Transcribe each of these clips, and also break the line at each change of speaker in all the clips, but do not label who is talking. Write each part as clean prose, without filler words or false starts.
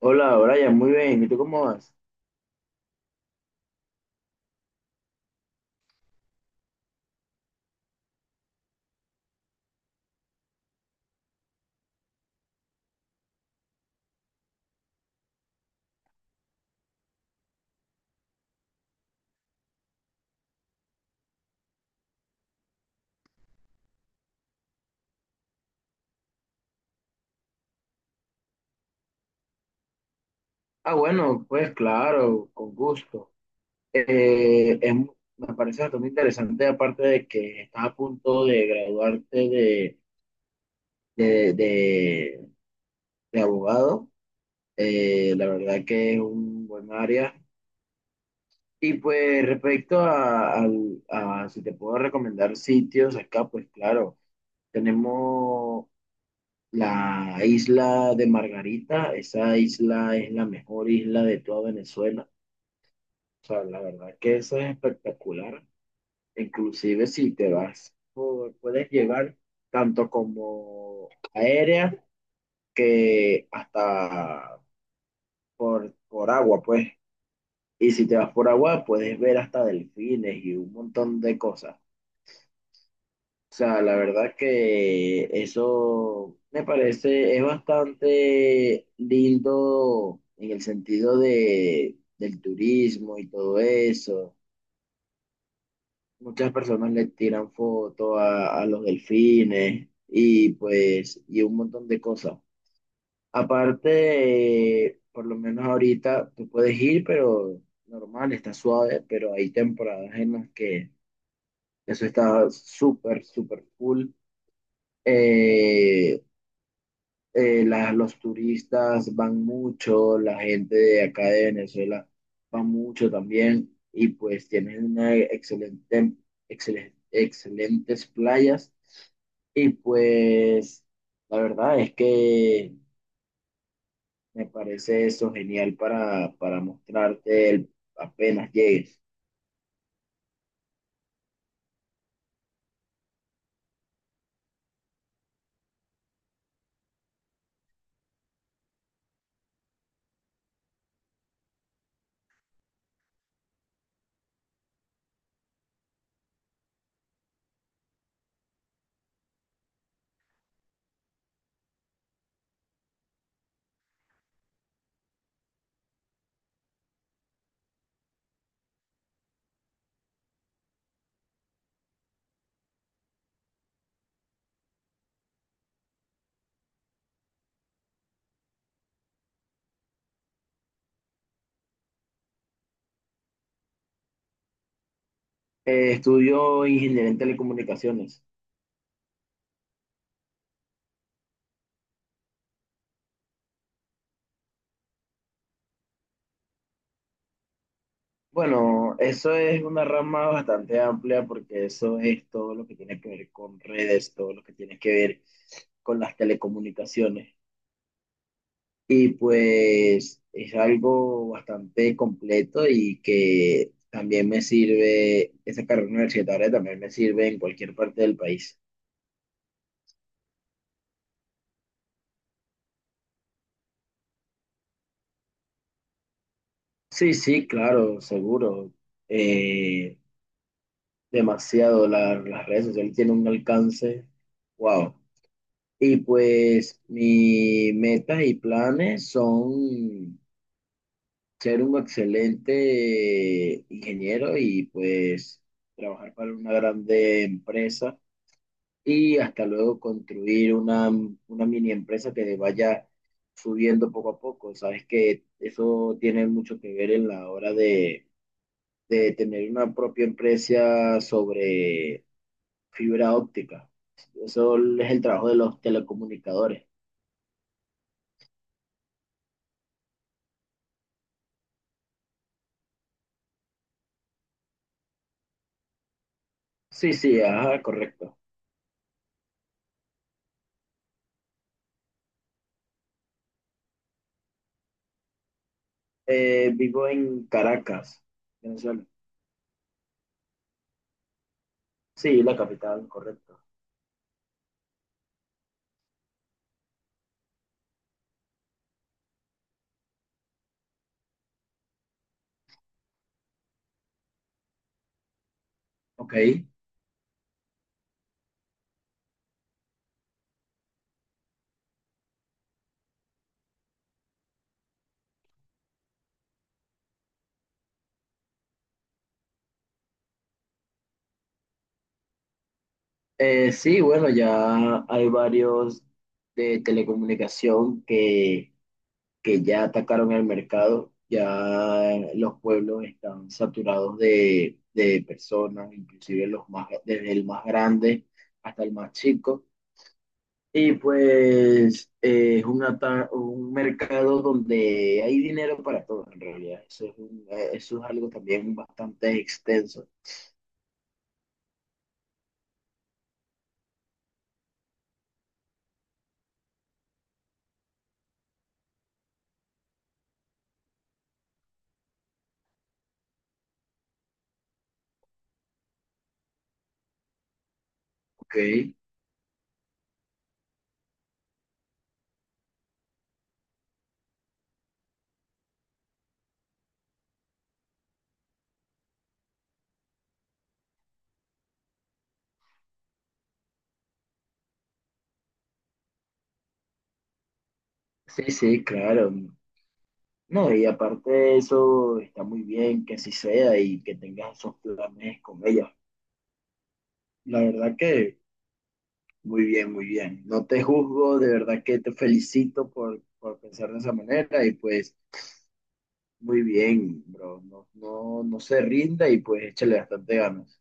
Hola, Brian, muy bien. ¿Y tú cómo vas? Ah, bueno, pues claro, con gusto. Me parece bastante interesante, aparte de que estás a punto de graduarte de, de- de abogado. La verdad que es un buen área. Y pues respecto a si te puedo recomendar sitios acá, pues claro, tenemos la isla de Margarita. Esa isla es la mejor isla de toda Venezuela. O sea, la verdad que eso es espectacular. Inclusive si te vas, por puedes llegar tanto como aérea que hasta por agua, pues. Y si te vas por agua, puedes ver hasta delfines y un montón de cosas. O sea, la verdad que eso me parece, es bastante lindo en el sentido del turismo y todo eso. Muchas personas le tiran fotos a los delfines y pues y un montón de cosas. Aparte, por lo menos ahorita tú puedes ir, pero normal, está suave, pero hay temporadas en las que eso está súper, súper full. Eh, los turistas van mucho, la gente de acá de Venezuela va mucho también y pues tienen una excelentes playas y pues la verdad es que me parece eso genial para mostrarte el- apenas llegues. Estudio ingeniería en telecomunicaciones. Bueno, eso es una rama bastante amplia porque eso es todo lo que tiene que ver con redes, todo lo que tiene que ver con las telecomunicaciones. Y pues es algo bastante completo y que también me sirve, esa carrera universitaria también me sirve en cualquier parte del país. Sí, sí, claro, seguro. Eh, Demasiado. Las redes sociales tienen un alcance, wow. Y pues mis metas y planes son ser un excelente ingeniero y pues trabajar para una grande empresa y hasta luego construir una mini empresa que vaya subiendo poco a poco. Sabes que eso tiene mucho que ver en la hora de tener una propia empresa sobre fibra óptica. Eso es el trabajo de los telecomunicadores. Sí, sí, ajá, correcto. Vivo en Caracas, Venezuela. Sí, la capital, correcto. Ok. Sí, bueno, ya hay varios de telecomunicación que ya atacaron el mercado. Ya los pueblos están saturados de personas, inclusive los más, desde el más grande hasta el más chico. Y pues es un, ata- un mercado donde hay dinero para todo en realidad. Eso es, un- eso es algo también bastante extenso. Ok. Sí, sí, claro. No, y aparte de eso, está muy bien que así sea y que tengas esos planes con ella. La verdad que muy bien, muy bien. No te juzgo, de verdad que te felicito por pensar de esa manera y pues muy bien, bro. No, no, no se rinda y pues échale bastante ganas.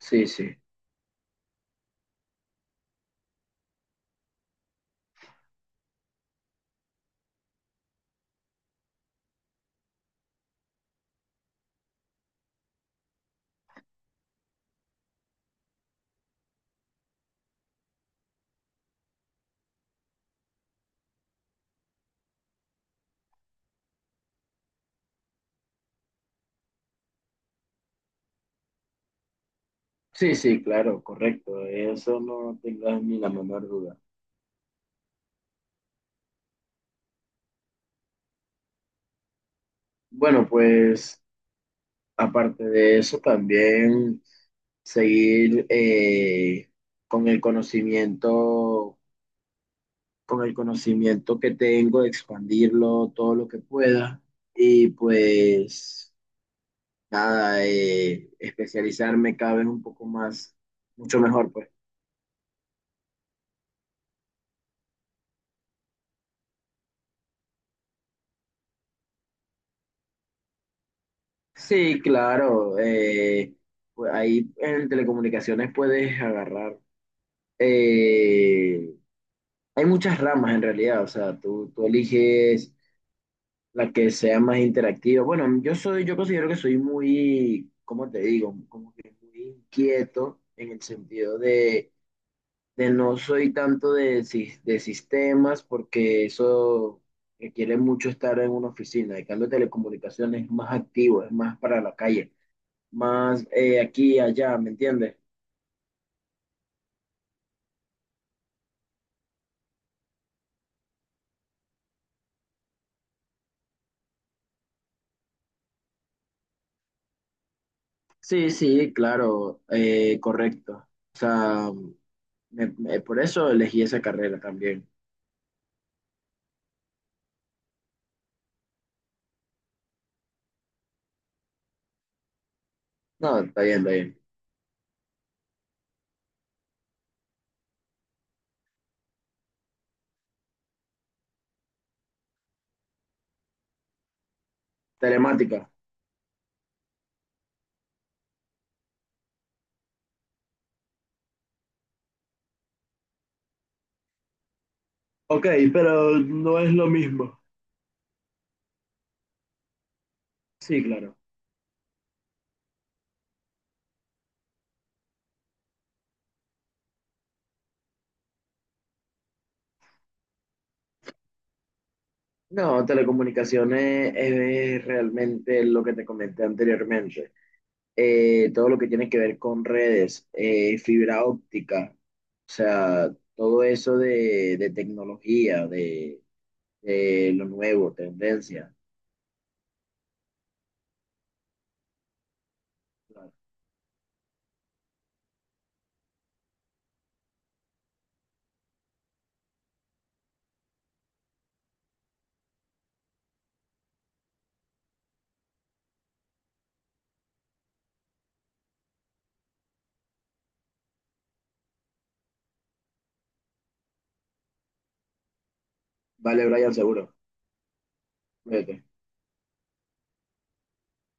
Sí, sí. Sí, sí, claro, correcto. Eso no tengas ni la menor duda. Bueno, pues aparte de eso, también seguir con el conocimiento, con el conocimiento que tengo, expandirlo todo lo que pueda. Y pues nada, especializarme cada vez un poco más, mucho mejor, pues. Sí, claro. Pues ahí en telecomunicaciones puedes agarrar. eh, Hay muchas ramas en realidad, o sea, tú eliges la que sea más interactiva. Bueno, yo soy, yo considero que soy muy, ¿cómo te digo? Como que muy inquieto en el sentido de no soy tanto de, sis- de sistemas porque eso requiere mucho estar en una oficina. En cambio, telecomunicaciones es más activo, es más para la calle, más aquí y allá, ¿me entiendes? Sí, sí, claro, correcto. O sea, por eso elegí esa carrera también. No, está bien, está bien. Telemática. Ok, pero no es lo mismo. Sí, claro. No, telecomunicaciones es, realmente lo que te comenté anteriormente. Todo lo que tiene que ver con redes, fibra óptica, o sea, todo eso de tecnología, de lo nuevo, tendencia. Claro. Vale, Brian, seguro. Cuídate.